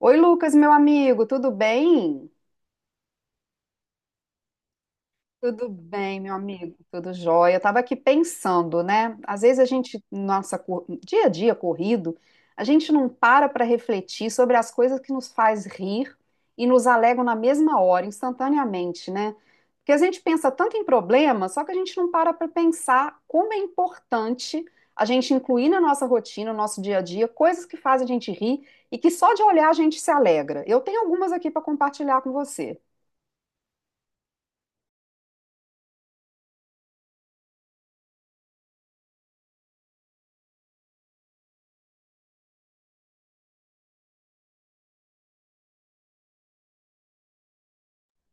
Oi, Lucas, meu amigo, tudo bem? Tudo bem, meu amigo? Tudo jóia. Eu estava aqui pensando, né? Às vezes a gente, nossa, dia a dia corrido, a gente não para refletir sobre as coisas que nos faz rir e nos alegram na mesma hora, instantaneamente, né? Porque a gente pensa tanto em problema, só que a gente não para pensar como é importante a gente incluir na nossa rotina, no nosso dia a dia, coisas que fazem a gente rir e que só de olhar a gente se alegra. Eu tenho algumas aqui para compartilhar com você.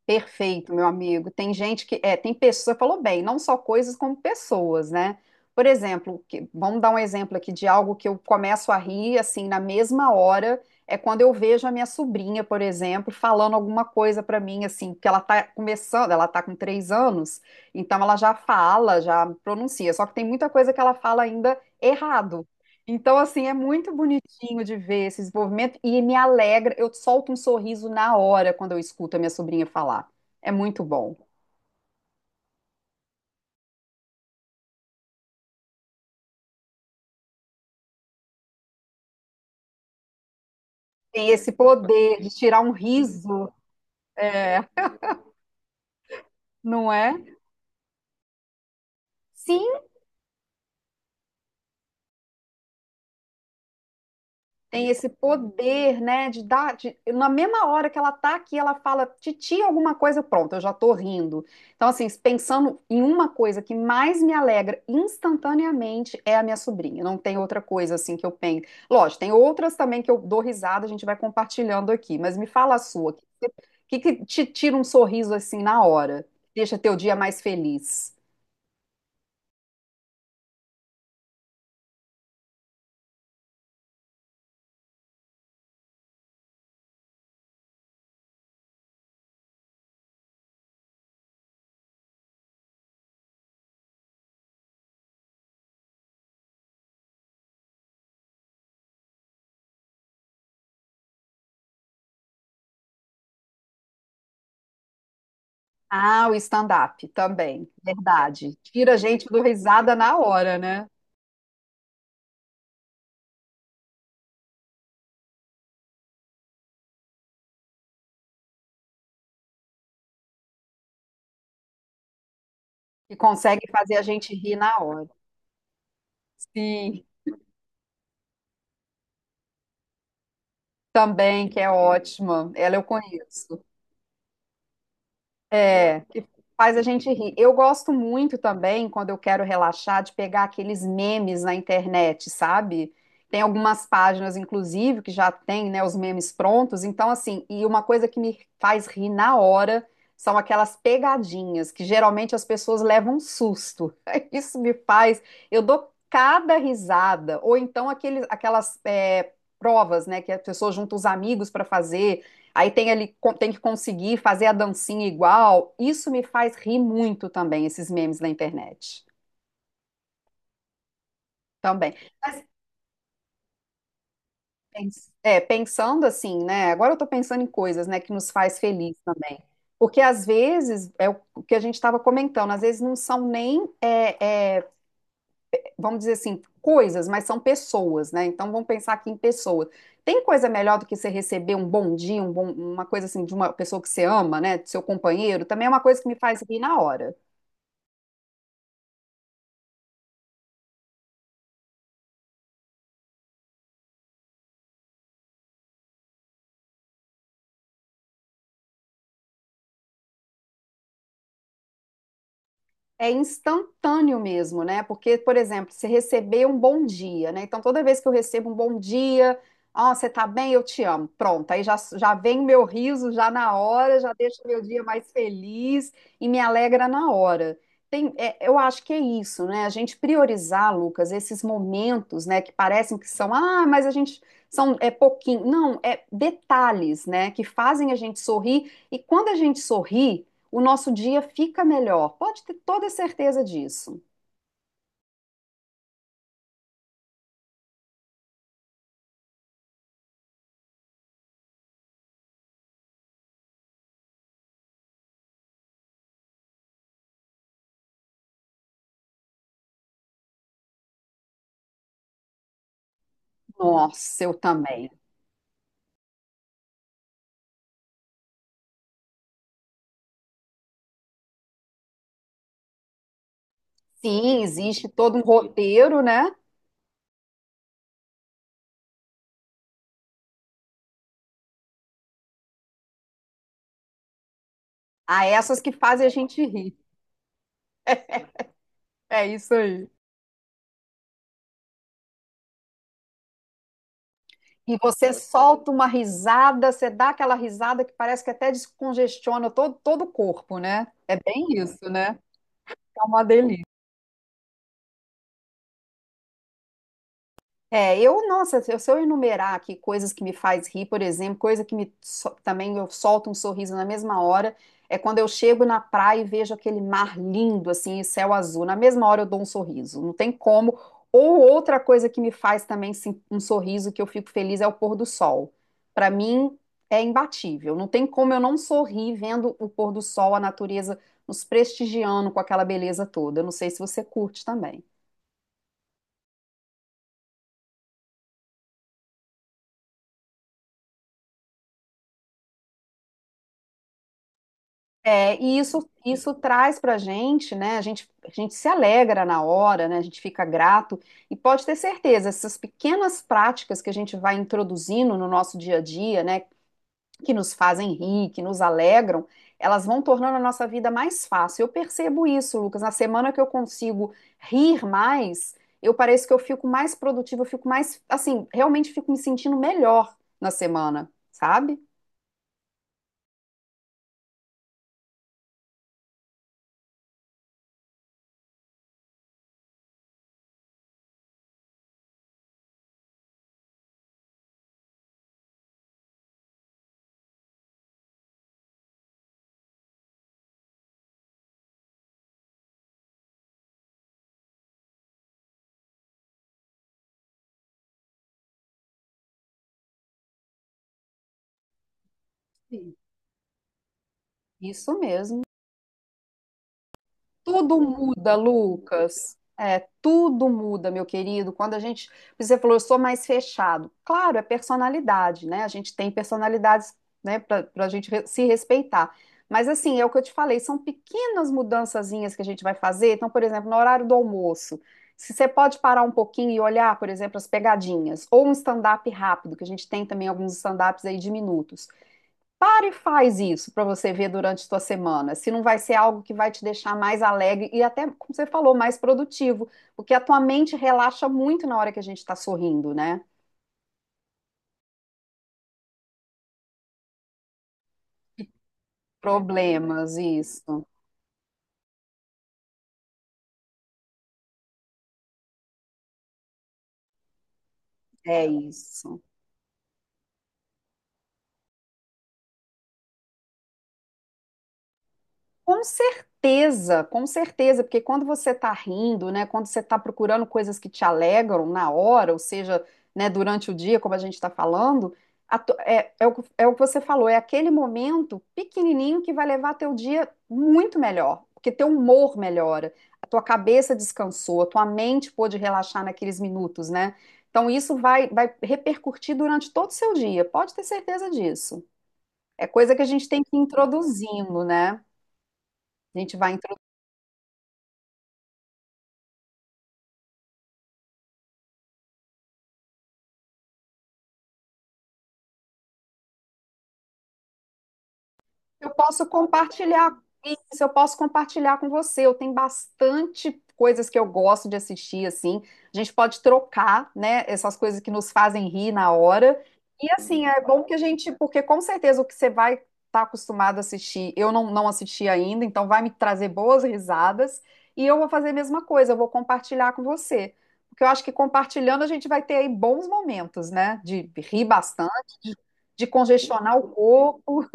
Perfeito, meu amigo. Tem gente que, tem pessoas, falou bem, não só coisas como pessoas, né? Por exemplo, vamos dar um exemplo aqui de algo que eu começo a rir, assim, na mesma hora, é quando eu vejo a minha sobrinha, por exemplo, falando alguma coisa pra mim, assim, que ela tá começando, ela tá com três anos, então ela já fala, já pronuncia, só que tem muita coisa que ela fala ainda errado. Então, assim, é muito bonitinho de ver esse desenvolvimento e me alegra. Eu solto um sorriso na hora quando eu escuto a minha sobrinha falar. É muito bom. Tem esse poder de tirar um riso, é, não é? Sim. Tem esse poder, né, de dar, na mesma hora que ela tá aqui, ela fala titi alguma coisa, pronto, eu já tô rindo. Então, assim, pensando em uma coisa que mais me alegra instantaneamente é a minha sobrinha. Não tem outra coisa assim que eu penso. Lógico, tem outras também que eu dou risada, a gente vai compartilhando aqui, mas me fala a sua. O que que te tira um sorriso assim na hora? Deixa teu dia mais feliz. Ah, o stand-up também, verdade. Tira a gente do risada na hora, né? Que consegue fazer a gente rir na hora. Sim, também, que é ótima. Ela eu conheço. É, que faz a gente rir. Eu gosto muito também, quando eu quero relaxar, de pegar aqueles memes na internet, sabe? Tem algumas páginas, inclusive, que já tem, né, os memes prontos. Então, assim, e uma coisa que me faz rir na hora são aquelas pegadinhas, que geralmente as pessoas levam um susto. Isso me faz. Eu dou cada risada. Ou então provas, né, que a pessoa junta os amigos para fazer. Aí tem ali, tem que conseguir fazer a dancinha igual. Isso me faz rir muito também, esses memes na internet. Também. Mas pensando assim, né? Agora eu tô pensando em coisas, né, que nos faz feliz também. Porque às vezes, é o que a gente estava comentando, às vezes não são nem, vamos dizer assim, coisas, mas são pessoas, né? Então vamos pensar aqui em pessoas. Tem coisa melhor do que você receber um bom dia, um uma coisa assim de uma pessoa que você ama, né? Do seu companheiro, também é uma coisa que me faz rir na hora. É instantâneo mesmo, né? Porque, por exemplo, se receber um bom dia, né? Então, toda vez que eu recebo um bom dia, ó, você tá bem, eu te amo. Pronto, aí já, já vem o meu riso já na hora, já deixa o meu dia mais feliz e me alegra na hora. Tem, é, eu acho que é isso, né? A gente priorizar, Lucas, esses momentos, né, que parecem que são, ah, mas a gente são é pouquinho. Não, é detalhes, né, que fazem a gente sorrir. E quando a gente sorri, o nosso dia fica melhor. Pode ter toda certeza disso. Nossa, eu também. Sim, existe todo um roteiro, né? Há essas que fazem a gente rir. É isso aí. E você solta uma risada, você dá aquela risada que parece que até descongestiona todo, todo o corpo, né? É bem isso, né? É uma delícia. É, eu, nossa, se eu enumerar aqui coisas que me faz rir, por exemplo, coisa que me também eu solto um sorriso na mesma hora, é quando eu chego na praia e vejo aquele mar lindo, assim, e céu azul. Na mesma hora eu dou um sorriso, não tem como. Ou outra coisa que me faz também sim, um sorriso que eu fico feliz é o pôr do sol. Para mim é imbatível, não tem como eu não sorrir vendo o pôr do sol, a natureza nos prestigiando com aquela beleza toda. Eu não sei se você curte também. É, e isso traz para a gente, né? A gente se alegra na hora, né? A gente fica grato e pode ter certeza, essas pequenas práticas que a gente vai introduzindo no nosso dia a dia, né? Que nos fazem rir, que nos alegram, elas vão tornando a nossa vida mais fácil. Eu percebo isso, Lucas. Na semana que eu consigo rir mais, eu pareço que eu fico mais produtiva, eu fico mais, assim, realmente fico me sentindo melhor na semana, sabe? Sim. Isso mesmo. Tudo muda, Lucas. É, tudo muda, meu querido. Quando a gente, você falou, eu sou mais fechado. Claro, é personalidade, né? A gente tem personalidades, né, para a gente se respeitar. Mas assim, é o que eu te falei, são pequenas mudançazinhas que a gente vai fazer. Então, por exemplo, no horário do almoço, se você pode parar um pouquinho e olhar, por exemplo, as pegadinhas, ou um stand-up rápido, que a gente tem também alguns stand-ups aí de minutos. Para e faz isso para você ver durante a sua semana, se não vai ser algo que vai te deixar mais alegre e até, como você falou, mais produtivo, porque a tua mente relaxa muito na hora que a gente está sorrindo, né? Problemas, isso. É isso. Com certeza, porque quando você está rindo, né, quando você está procurando coisas que te alegram na hora, ou seja, né, durante o dia, como a gente está falando, a é o que você falou, é aquele momento pequenininho que vai levar teu dia muito melhor, porque teu humor melhora, a tua cabeça descansou, a tua mente pôde relaxar naqueles minutos, né? Então isso vai, vai repercutir durante todo o seu dia, pode ter certeza disso. É coisa que a gente tem que ir introduzindo, né? A gente vai. Eu posso compartilhar isso, eu posso compartilhar com você. Eu tenho bastante coisas que eu gosto de assistir, assim. A gente pode trocar, né, essas coisas que nos fazem rir na hora. E assim, é bom que a gente, porque com certeza o que você vai estar acostumado a assistir, eu não assisti ainda, então vai me trazer boas risadas. E eu vou fazer a mesma coisa, eu vou compartilhar com você. Porque eu acho que compartilhando a gente vai ter aí bons momentos, né? De rir bastante, de congestionar o corpo.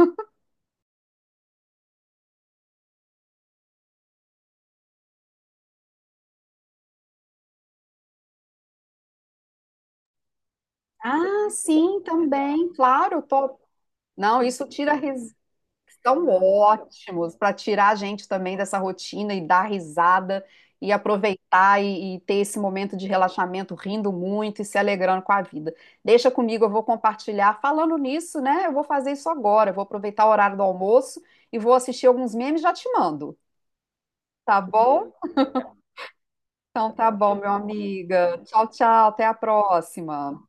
Ah, sim, também, claro, tô. Não, isso tira ris... São ótimos para tirar a gente também dessa rotina e dar risada e aproveitar e ter esse momento de relaxamento, rindo muito e se alegrando com a vida. Deixa comigo, eu vou compartilhar. Falando nisso, né? Eu vou fazer isso agora. Eu vou aproveitar o horário do almoço e vou assistir alguns memes e já te mando, tá bom? Então tá bom, meu amiga. Tchau, tchau, até a próxima.